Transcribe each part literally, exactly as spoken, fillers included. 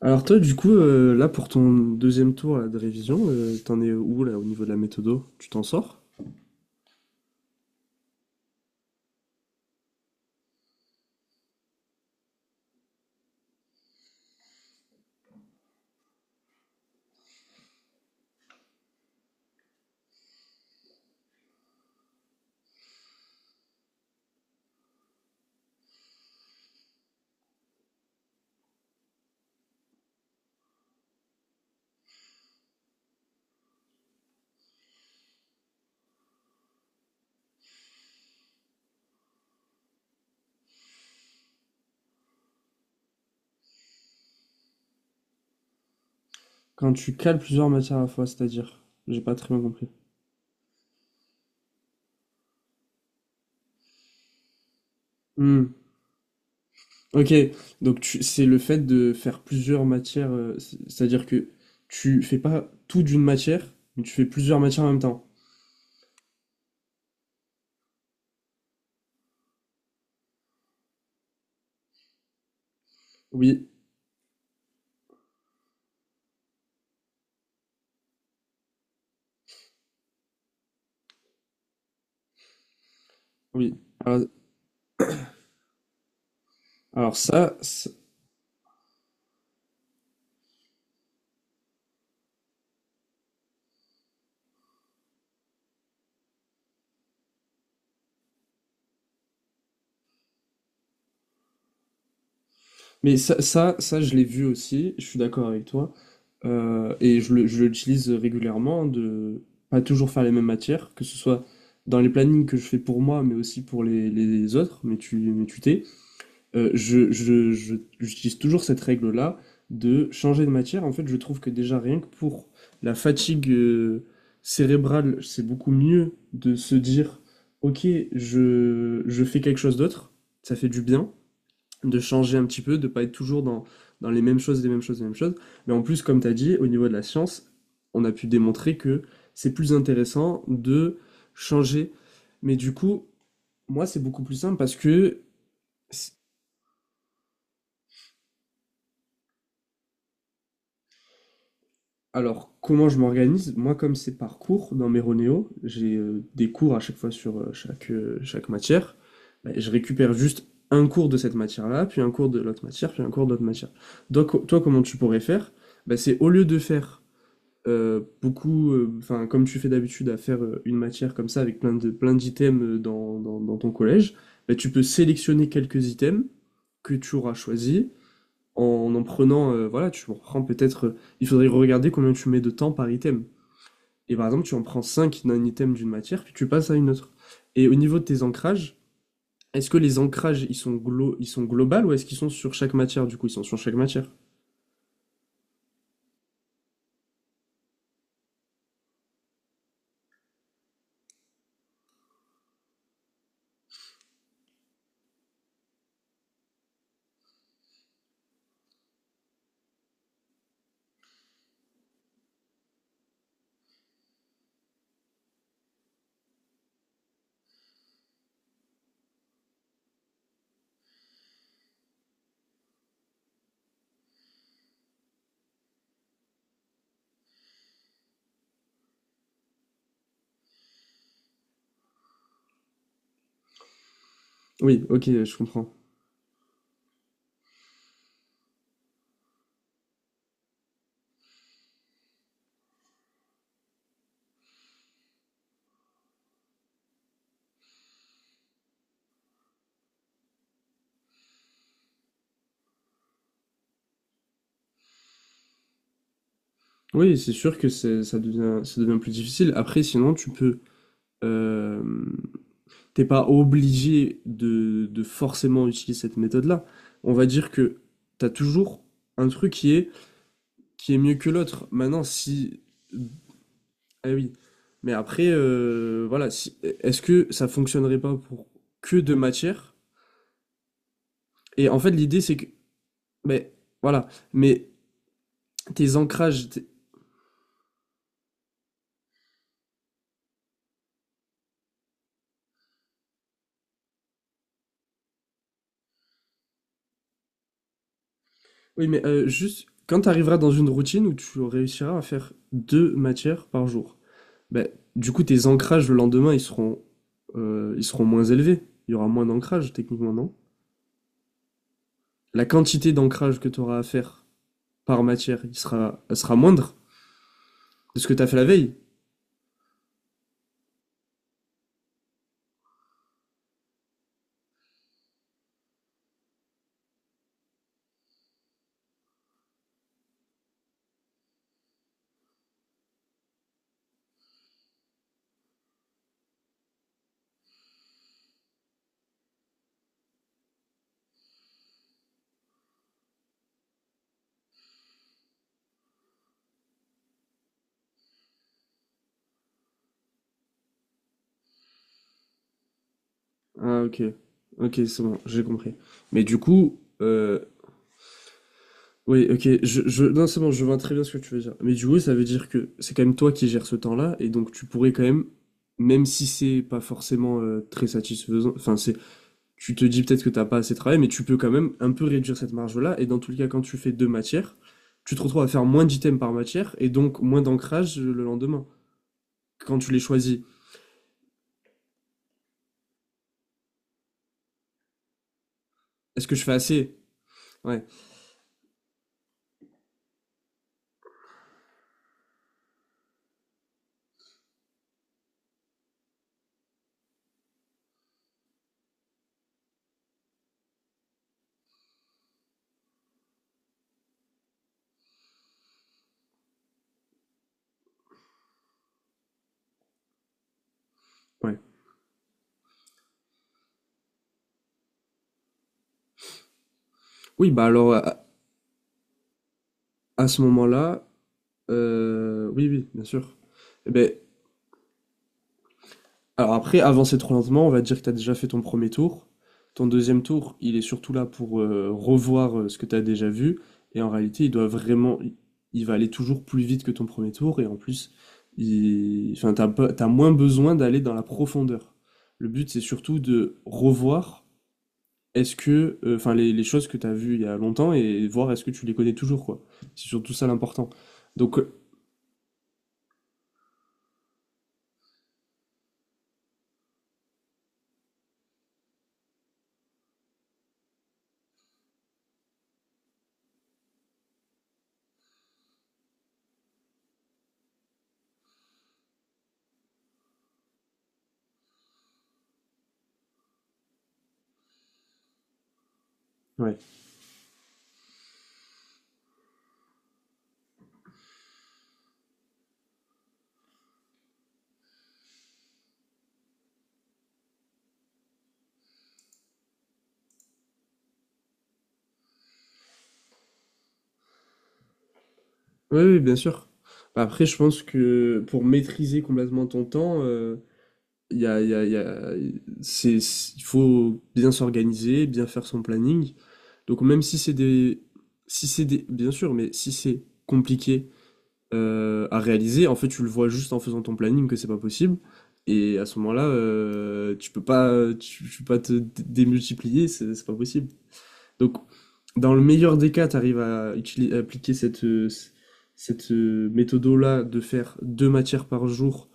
Alors toi, du coup, euh, là, pour ton deuxième tour là, de révision, euh, t'en es où là au niveau de la méthodo? Tu t'en sors? Quand tu cales plusieurs matières à la fois, c'est-à-dire? J'ai pas très bien compris. Hmm. Ok, donc tu- c'est le fait de faire plusieurs matières, euh, c- c'est-à-dire que tu fais pas tout d'une matière, mais tu fais plusieurs matières en même temps. Oui, oui. Alors, alors ça, c'est- mais ça, ça, ça, je l'ai vu aussi, je suis d'accord avec toi. Euh, et je le- je l'utilise régulièrement de pas toujours faire les mêmes matières, que ce soit dans les plannings que je fais pour moi, mais aussi pour les, les autres, mais tu, mais tu t'es. Euh, je, je, je- j'utilise toujours cette règle-là de changer de matière. En fait, je trouve que déjà rien que pour la fatigue euh, cérébrale, c'est beaucoup mieux de se dire, ok, je, je fais quelque chose d'autre, ça fait du bien de changer un petit peu, de pas être toujours dans, dans les mêmes choses, les mêmes choses, les mêmes choses. Mais en plus, comme tu as dit, au niveau de la science, on a pu démontrer que c'est plus intéressant de changer. Mais du coup, moi, c'est beaucoup plus simple parce que, alors, comment je m'organise? Moi, comme c'est par cours dans mes Ronéo, j'ai euh, des cours à chaque fois sur euh, chaque, euh, chaque matière. Ben, je récupère juste un cours de cette matière-là, puis un cours de l'autre matière, puis un cours de l'autre matière. Donc, toi, comment tu pourrais faire? Ben, c'est au lieu de faire euh, beaucoup, euh, enfin, comme tu fais d'habitude à faire euh, une matière comme ça avec plein de, plein d'items euh, dans, dans, dans ton collège, bah, tu peux sélectionner quelques items que tu auras choisis en en prenant, euh, voilà, tu en prends peut-être, euh, il faudrait regarder combien tu mets de temps par item. Et par exemple, tu en prends cinq d'un item d'une matière, puis tu passes à une autre. Et au niveau de tes ancrages, est-ce que les ancrages, ils sont, glo ils sont globaux ou est-ce qu'ils sont sur chaque matière, du coup, ils sont sur chaque matière? Oui, ok, je comprends. Oui, c'est sûr que c'est ça devient ça devient plus difficile. Après, sinon, tu peux, hem, t'es pas obligé de de forcément utiliser cette méthode-là. On va dire que t'as toujours un truc qui est qui est mieux que l'autre. Maintenant, si ah oui, mais après, heu, voilà, si e est-ce que ça fonctionnerait pas pour que deux matières? Et en fait, l'idée, c'est que mais voilà, mais tes ancrages, Oui, mais euh, juste, quand tu arriveras dans une routine où tu réussiras à faire deux matières par jour, ben, du coup, tes ancrages le lendemain, ils seront, euh, ils seront moins élevés. Il y aura moins d'ancrage, techniquement, non? La quantité d'ancrage que tu auras à faire par matière, il sera, elle sera moindre de ce que tu as fait la veille. Ah, ok. Ok, c'est bon, j'ai compris. Mais du coup, euh, Oui, ok, je, je, non, c'est bon, je vois très bien ce que tu veux dire. Mais du coup, ça veut dire que c'est quand même toi qui gères ce temps-là, et donc tu pourrais quand même, même si c'est pas forcément euh, très satisfaisant, enfin, c'est, tu te dis peut-être que t'as pas assez de travail, mais tu peux quand même un peu réduire cette marge-là, et dans tous les cas, quand tu fais deux matières, tu te retrouves à faire moins d'items par matière, et donc moins d'ancrage euh, le lendemain, quand tu les choisis. Est-ce que je fais assez? Ouais, ouais. Oui, bah alors, à, à ce moment-là, euh, oui, oui, bien sûr. Eh ben, alors après, avancer trop lentement, on va dire que tu as déjà fait ton premier tour. Ton deuxième tour, il est surtout là pour euh, revoir euh, ce que tu as déjà vu. Et en réalité, il doit vraiment, il va aller toujours plus vite que ton premier tour. Et en plus, il... enfin, t'as pas- t'as moins besoin d'aller dans la profondeur. Le but, c'est surtout de revoir est-ce que, euh, enfin, les, les choses que tu as vues il y a longtemps et voir est-ce que tu les connais toujours, quoi. C'est surtout ça l'important. Donc, euh, ouais. Oui, oui, bien sûr. Bah, après, je pense que pour maîtriser complètement ton temps, euh, il y a, il y a- il y a- c'est, c'est- il faut bien s'organiser, bien faire son planning. Donc, même si c'est des, si c'est des, bien sûr, mais si c'est compliqué euh, à réaliser, en fait, tu le vois juste en faisant ton planning que c'est pas possible. Et à ce moment-là, euh, tu peux pas, tu, tu peux pas te dé- démultiplier, c'est c'est pas possible. Donc, dans le meilleur des cas, tu arrives à, utili- à appliquer cette, euh, c- cette euh, méthode-là de faire deux matières par jour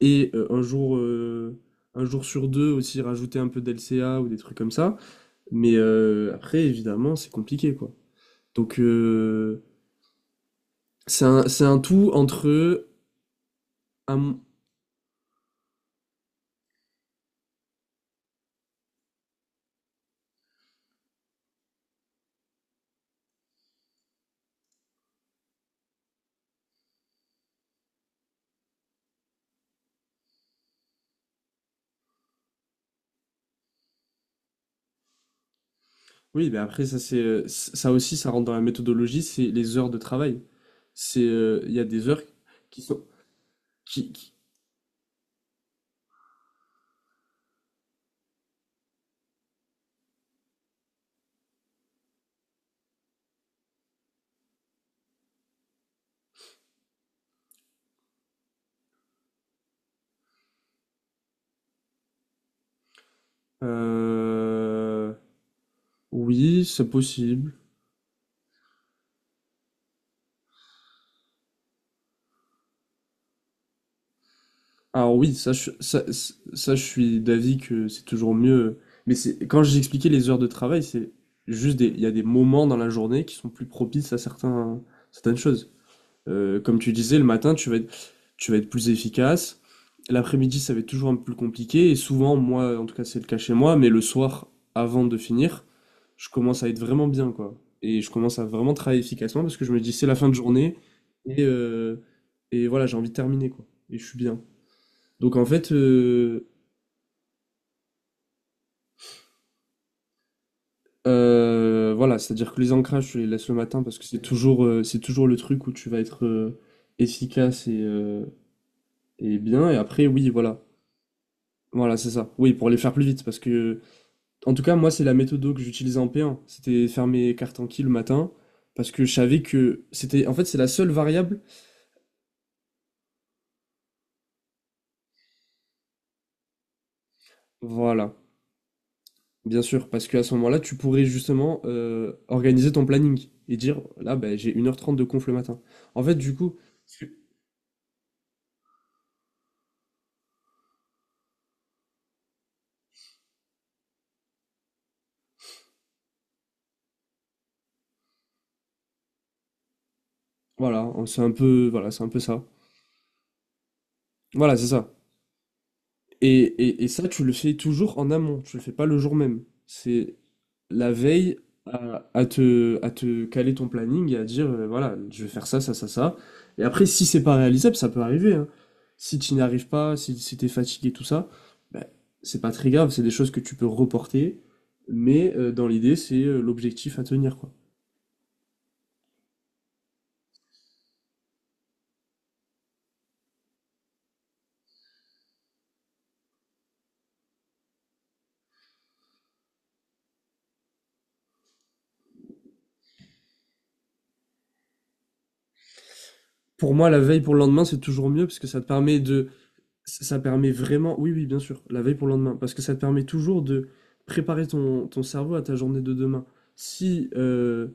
et euh, un jour, euh, un jour sur deux aussi rajouter un peu d'L C A ou des trucs comme ça. Mais euh, après, évidemment, c'est compliqué, quoi. Donc, euh, c'est un, c'est un tout entre... un- Oui, mais après, ça, c'est, euh, c- ça aussi, ça rentre dans la méthodologie, c'est les heures de travail. C'est, euh, Il y a des heures qui sont... Qui, qui- euh, Oui, c'est possible. Alors oui, ça, je- ça, ça, je suis d'avis que c'est toujours mieux. Mais c'est quand j'expliquais les heures de travail, c'est juste des, il y a des moments dans la journée qui sont plus propices à certains, certaines choses. Euh, comme tu disais, le matin, tu vas être, tu vas être plus efficace. L'après-midi, ça va être toujours un peu plus compliqué. Et souvent, moi, en tout cas, c'est le cas chez moi, mais le soir, avant de finir, je commence à être vraiment bien, quoi. Et je commence à vraiment travailler efficacement parce que je me dis, c'est la fin de journée. Et, euh, et voilà, j'ai envie de terminer, quoi. Et je suis bien. Donc, en fait, euh, euh, voilà, c'est-à-dire que les ancrages, je les laisse le matin parce que c'est toujours, euh, c'est toujours le truc où tu vas être euh, efficace et, euh, et bien. Et après, oui, voilà. Voilà, c'est ça. Oui, pour les faire plus vite, parce que, en tout cas, moi, c'est la méthode que j'utilisais en P un. C'était faire mes cartes en qui le matin, parce que je savais que c'était, en fait, c'est la seule variable. Voilà, bien sûr, parce qu'à ce moment-là, tu pourrais justement euh, organiser ton planning et dire, là, ben, j'ai une heure trente de conf le matin. En fait, du coup, parce que- voilà, c'est un peu, voilà, c'est un peu ça. Voilà, c'est ça. Et, et, et ça, tu le fais toujours en amont, tu le fais pas le jour même. La veille à, à te, à te caler ton planning et à dire euh, voilà, je vais faire ça, ça, ça, ça. Et après, si c'est pas réalisable, ça peut arriver. Hein. Si tu n'y arrives pas, si, si t'es fatigué, tout ça, ben, c'est pas très grave, c'est des choses que tu peux reporter, mais euh, dans l'idée, c'est euh, l'objectif à tenir, quoi. Pour moi, la veille pour le lendemain, c'est toujours mieux parce que ça te permet de. Ça ça permet vraiment. Oui, oui, bien sûr, la veille pour le lendemain. Parce que ça te permet toujours de préparer ton, ton cerveau à ta journée de demain. Si euh,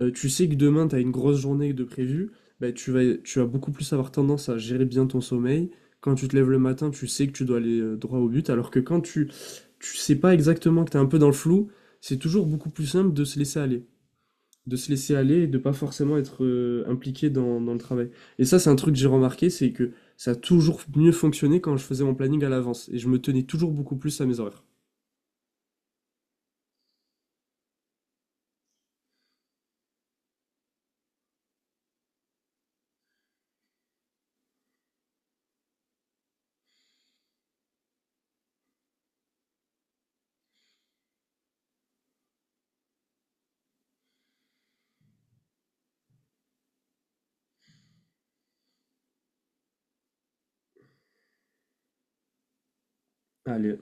euh, tu sais que demain, tu as une grosse journée de prévue, bah, tu vas, tu vas beaucoup plus avoir tendance à gérer bien ton sommeil. Quand tu te lèves le matin, tu sais que tu dois aller euh, droit au but, alors que quand tu, tu sais pas exactement que tu es un peu dans le flou, c'est toujours beaucoup plus simple de se laisser aller. De se laisser aller et de pas forcément être euh, impliqué dans, dans le travail. Et ça, c'est un truc que j'ai remarqué, c'est que ça a toujours mieux fonctionné quand je faisais mon planning à l'avance et je me tenais toujours beaucoup plus à mes horaires. Allez,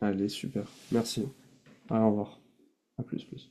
allez, super. Merci. Allez, au revoir. À plus, plus.